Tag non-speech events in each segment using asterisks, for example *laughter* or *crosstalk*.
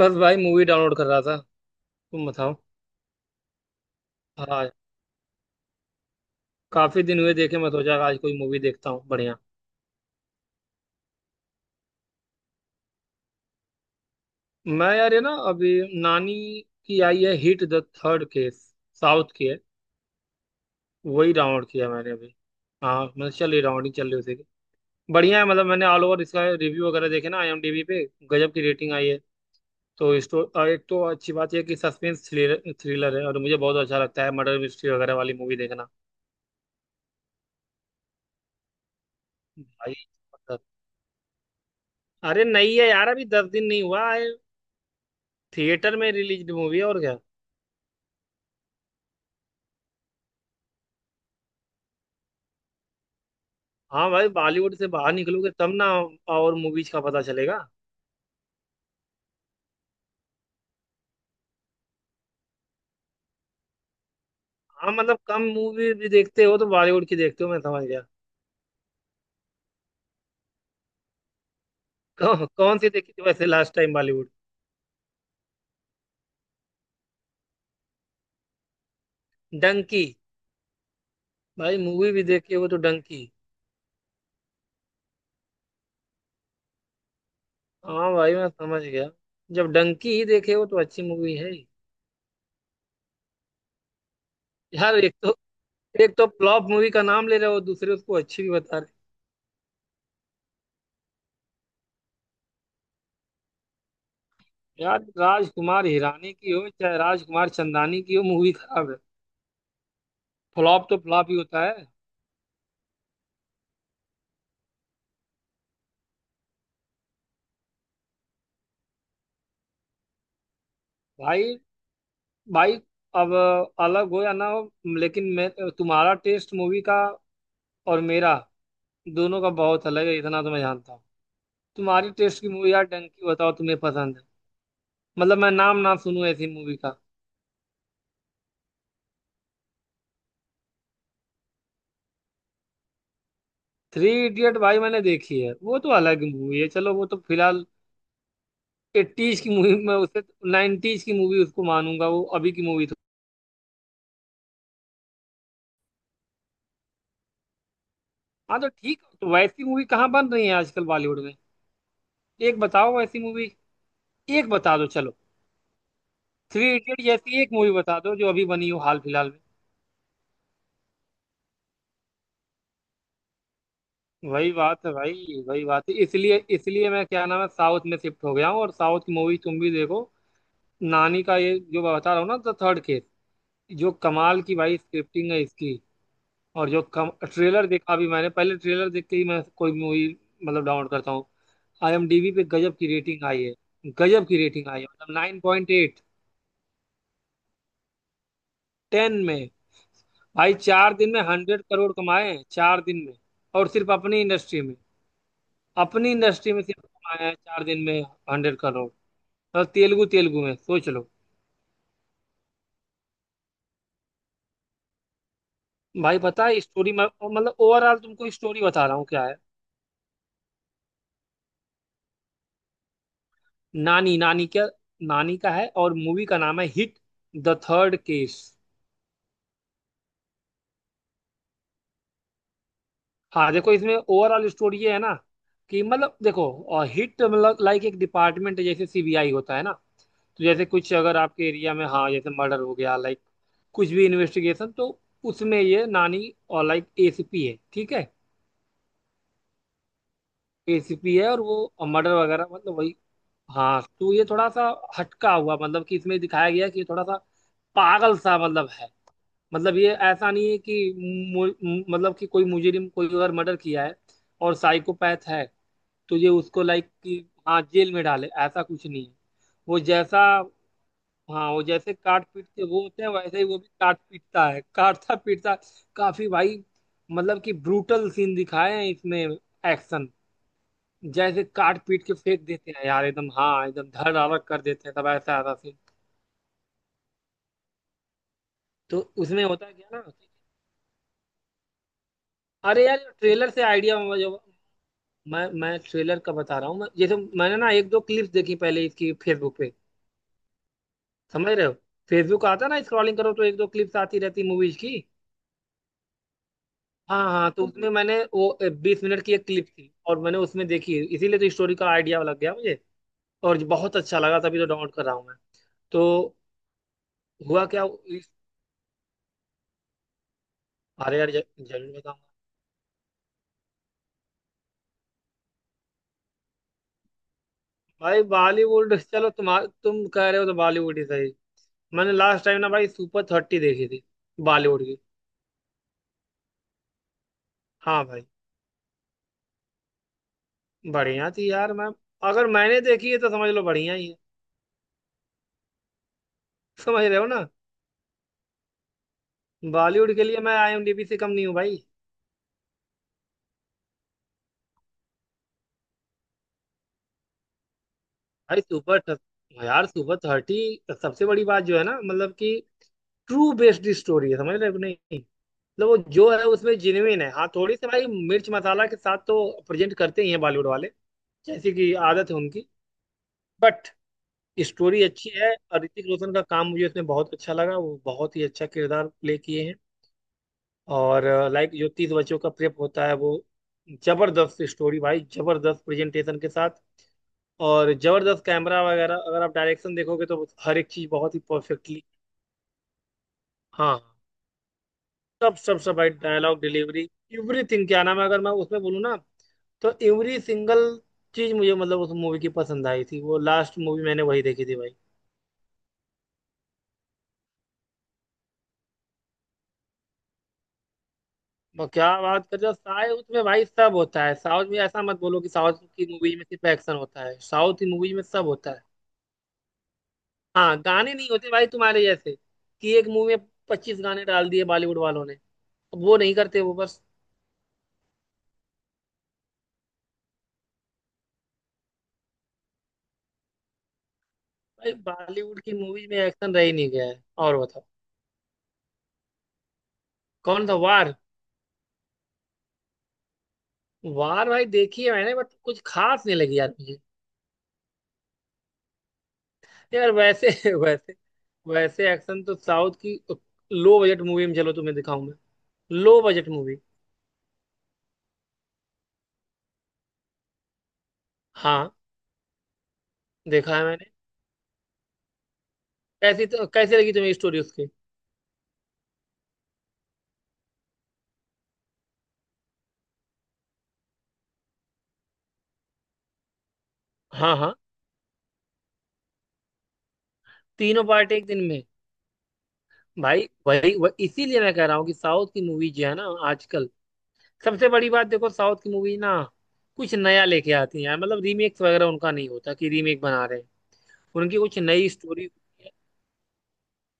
बस भाई, movie download कर रहा था। तुम बताओ। हाँ, काफी दिन हुए देखे, मैं सोचा आज कोई मूवी देखता हूँ। बढ़िया। मैं यार ये ना अभी नानी की आई है, hit the third case. South की है। वही डाउनलोड किया मैंने अभी। हाँ मतलब चल रही, डाउनलोडिंग चल रही उसी की। बढ़िया है। मतलब मैंने ऑल ओवर इसका रिव्यू वगैरह देखे ना आईएमडीबी पे। गजब की रेटिंग आई है। तो स्टो और एक तो अच्छी बात यह है कि सस्पेंस थ्रिलर थ्रिलर है, और मुझे बहुत अच्छा लगता है मर्डर मिस्ट्री वगैरह वाली मूवी देखना। भाई, मतलब- अरे नहीं है यार, अभी 10 दिन नहीं हुआ है। थिएटर में रिलीज मूवी है, और क्या। हाँ भाई, बॉलीवुड से बाहर निकलोगे तब ना, और मूवीज का पता चलेगा। हाँ मतलब कम मूवी भी देखते हो तो बॉलीवुड की देखते हो, मैं समझ गया। कौन कौन सी देखी थी वैसे लास्ट टाइम बॉलीवुड? डंकी? भाई मूवी भी देखे हो तो डंकी? हाँ भाई मैं समझ गया, जब डंकी ही देखे हो तो अच्छी मूवी है ही। यार, एक तो, एक तो फ्लॉप मूवी का नाम ले रहे हो, दूसरे उसको अच्छी भी बता रहे हो। यार राजकुमार हिरानी की हो चाहे राजकुमार चंदानी की हो, मूवी खराब है। फ्लॉप तो फ्लॉप ही होता है। भाई, भाई, अब, अलग हो या ना हो, लेकिन मैं, तुम्हारा टेस्ट मूवी का और मेरा, दोनों का बहुत अलग है, इतना तो मैं जानता हूँ। तुम्हारी टेस्ट की मूवी यार डंकी, बताओ तुम्हें पसंद है। मतलब मैं नाम ना सुनूं ऐसी मूवी का। थ्री इडियट, भाई मैंने देखी है, वो तो अलग मूवी है, चलो वो तो फिलहाल एट्टीज की मूवी में उसे, नाइनटीज की मूवी उसको मानूंगा, वो अभी की मूवी तो। हाँ तो ठीक, तो वैसी मूवी कहाँ बन रही है आजकल बॉलीवुड में? एक बताओ वैसी मूवी। एक बता दो चलो। थ्री इडियट जैसी एक मूवी बता दो जो अभी बनी हो हाल फिलहाल में। वही बात है भाई, वही बात है, इसलिए इसलिए मैं क्या नाम है साउथ में शिफ्ट हो गया हूँ, और साउथ की मूवी तुम भी देखो। नानी का ये जो मैं बता रहा हूँ ना द थर्ड केस, जो कमाल की भाई स्क्रिप्टिंग है इसकी। और जो कम ट्रेलर देखा अभी मैंने, पहले ट्रेलर देख के ही मैं कोई मूवी मतलब डाउनलोड करता हूँ। आईएमडीबी पे गजब की रेटिंग आई है, गजब की रेटिंग आई है। मतलब 9.8 10 में। भाई 4 दिन में 100 करोड़ कमाए हैं, 4 दिन में, और सिर्फ अपनी इंडस्ट्री में। अपनी इंडस्ट्री में सिर्फ कमाए हैं 4 दिन में हंड्रेड करोड़। और तेलुगु, तेलुगु में सोच लो। भाई पता है स्टोरी में मतलब ओवरऑल तुमको स्टोरी बता रहा हूँ क्या है। नानी नानी क्या, नानी का है, और मूवी का नाम है हिट द थर्ड केस। हाँ देखो, इसमें ओवरऑल स्टोरी ये है ना, कि मतलब देखो, और हिट मतलब लाइक एक डिपार्टमेंट है जैसे सीबीआई होता है ना। तो जैसे कुछ अगर आपके एरिया में, हाँ, जैसे मर्डर हो गया लाइक, कुछ भी इन्वेस्टिगेशन, तो उसमें ये नानी और लाइक एसीपी है, ठीक है। एसीपी है और वो मर्डर वगैरह मतलब वही। हाँ तो ये थोड़ा सा हटका हुआ, मतलब कि इसमें दिखाया गया कि ये थोड़ा सा पागल सा मतलब है। मतलब ये ऐसा नहीं है कि मु- मु- मतलब कि कोई मुजरिम, कोई अगर मर्डर किया है और साइकोपैथ है, तो ये उसको लाइक कि हाँ जेल में डाले, ऐसा कुछ नहीं है। वो जैसा, हाँ, वो जैसे काट पीट के वो होते हैं, वैसे ही वो भी काट पीटता है, काटता पीटता। काफी भाई, मतलब कि ब्रूटल सीन दिखाए हैं इसमें, एक्शन। जैसे काट पीट के फेंक देते हैं यार एकदम, हाँ एकदम धड़ धाड़ कर देते हैं, तब ऐसा आता सीन। तो उसमें होता क्या ना, अरे यार ट्रेलर से आइडिया जो, मैं ट्रेलर का बता रहा हूँ। जैसे मैंने ना एक दो क्लिप्स देखी पहले इसकी फेसबुक पे, समझ रहे हो। फेसबुक आता ना, स्क्रॉलिंग करो तो एक दो क्लिप्स आती रहती मूवीज की। हाँ हाँ, तो उसमें मैंने, वो 20 मिनट की एक क्लिप थी, और मैंने उसमें देखी, इसीलिए तो स्टोरी का आइडिया लग गया मुझे, और बहुत अच्छा लगा, तभी तो डाउनलोड कर रहा हूँ मैं। तो हुआ क्या इस- अरे यार जरूर बताऊंगा। भाई बॉलीवुड चलो, तुम कह रहे हो तो बॉलीवुड ही सही। मैंने लास्ट टाइम ना भाई सुपर 30 देखी थी, बॉलीवुड की। हाँ भाई, बढ़िया थी यार। मैम, अगर मैंने देखी है तो समझ लो बढ़िया ही है। समझ रहे हो ना, बॉलीवुड के लिए मैं आईएमडीबी से कम नहीं हूँ भाई। भाई सुपर यार सुपर 30, सबसे बड़ी बात जो है ना, मतलब कि ट्रू बेस्ड स्टोरी है, समझ रहे हो कि नहीं। मतलब वो जो है उसमें जेन्युइन है। हाँ थोड़ी सी भाई मिर्च मसाला के साथ तो प्रेजेंट करते ही हैं बॉलीवुड वाले, जैसे कि आदत है उनकी। बट स्टोरी अच्छी है, और ऋतिक रोशन का काम मुझे इसमें बहुत अच्छा लगा, वो बहुत ही अच्छा किरदार प्ले किए हैं। और लाइक जो 30 बच्चों का प्रेप होता है वो, जबरदस्त स्टोरी भाई, जबरदस्त प्रेजेंटेशन के साथ। और जबरदस्त कैमरा वगैरह, अगर आप डायरेक्शन देखोगे तो हर एक चीज बहुत ही परफेक्टली। हाँ, सब सब सब भाई, डायलॉग डिलीवरी, एवरीथिंग क्या नाम है, अगर मैं उसमें बोलूँ ना, तो एवरी सिंगल चीज मुझे मतलब उस मूवी की पसंद आई थी, वो लास्ट मूवी मैंने वही देखी थी भाई। और क्या बात कर रहे हो, साउथ में भाई सब होता है, साउथ में ऐसा मत बोलो कि साउथ की मूवी में सिर्फ एक्शन होता है, साउथ की मूवी में सब होता है। हाँ, गाने नहीं होते भाई तुम्हारे जैसे कि एक मूवी में 25 गाने डाल दिए बॉलीवुड वालों ने, अब वो नहीं करते वो बस। भाई बॉलीवुड की मूवी में एक्शन रह ही नहीं गया है, और बताओ कौन था वार? वार भाई देखी है मैंने, बट कुछ खास नहीं लगी यार मुझे। यार वैसे *laughs* वैसे वैसे एक्शन तो साउथ की लो बजट मूवी में, चलो तुम्हें दिखाऊं मैं लो बजट मूवी। हाँ देखा है मैंने। कैसी तो कैसी लगी तुम्हें स्टोरी उसकी? हाँ हाँ। तीनों पार्ट एक दिन में? भाई वही वह, इसीलिए मैं कह रहा हूँ कि साउथ की मूवी जो है ना आजकल, सबसे बड़ी बात देखो साउथ की मूवी ना कुछ नया लेके आती है यार, मतलब रीमेक्स वगैरह उनका नहीं होता कि रीमेक बना रहे हैं, उनकी कुछ नई स्टोरी होती है।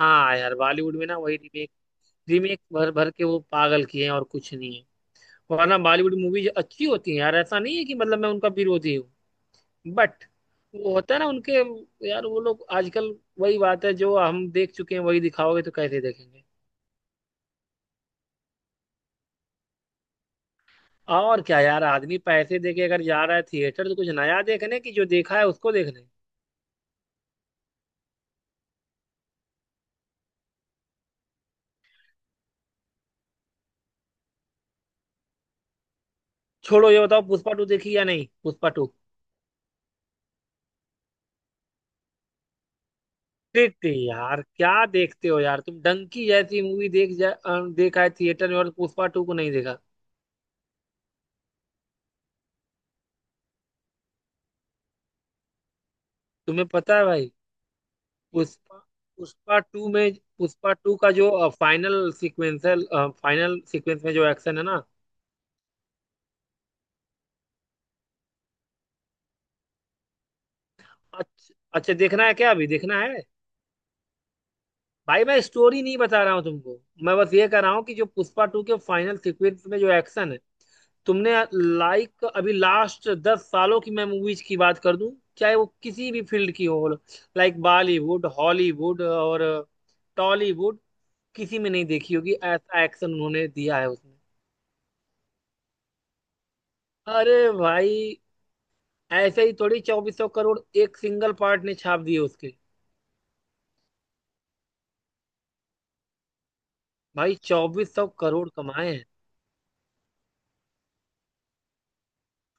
हाँ यार बॉलीवुड में ना वही रीमेक, रीमेक भर भर के वो पागल किए हैं, और कुछ नहीं है। वरना बॉलीवुड मूवी अच्छी होती है यार, ऐसा नहीं है कि मतलब मैं उनका विरोधी हूँ। बट वो होता है ना उनके, यार वो लोग आजकल, वही बात है जो हम देख चुके हैं, वही दिखाओगे तो कैसे देखेंगे। और क्या यार, आदमी पैसे दे के अगर जा रहा है थिएटर तो कुछ नया देखने की, जो देखा है उसको देखने। छोड़ो ये बताओ पुष्पा टू देखी या नहीं, पुष्पा टू। देखते ही यार, क्या देखते हो यार तुम डंकी जैसी मूवी देख जा, अ, देखा है थिएटर में और पुष्पा टू को नहीं देखा? तुम्हें पता है भाई, पुष्पा पुष्पा टू में, पुष्पा टू का जो फाइनल सीक्वेंस में जो एक्शन है ना। अच्छा अच्छा, देखना है क्या, अभी देखना है? भाई मैं स्टोरी नहीं बता रहा हूँ तुमको, मैं बस ये कह रहा हूँ कि जो पुष्पा टू के फाइनल सीक्वेंस में जो एक्शन है तुमने, लाइक अभी लास्ट 10 सालों की मैं मूवीज की बात कर दूं, चाहे वो किसी भी फील्ड की हो, लाइक बॉलीवुड, हॉलीवुड और टॉलीवुड, किसी में नहीं देखी होगी ऐसा एक्शन उन्होंने दिया है उसमें। अरे भाई, ऐसे ही थोड़ी 2400 करोड़ एक सिंगल पार्ट ने छाप दिए उसके। भाई 2400 करोड़ कमाए हैं,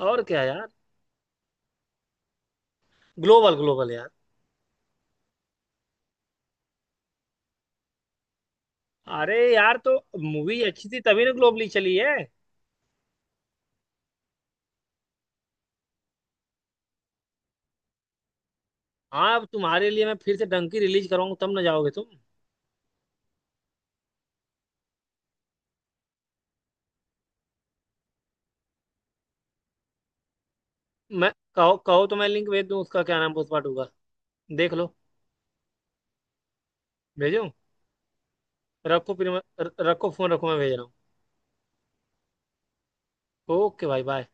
और क्या यार। ग्लोबल, ग्लोबल यार। अरे यार तो मूवी अच्छी थी तभी ना ग्लोबली चली है। हाँ अब तुम्हारे लिए मैं फिर से डंकी रिलीज कराऊंगा तब ना जाओगे तुम। मैं, कहो, कहो तो मैं लिंक भेज दूं, उसका क्या नाम, पुष्पा टू का? देख लो। भेजूं? रखो, फिर मैं रखो फोन रखो, मैं भेज रहा हूँ। ओके भाई, बाय।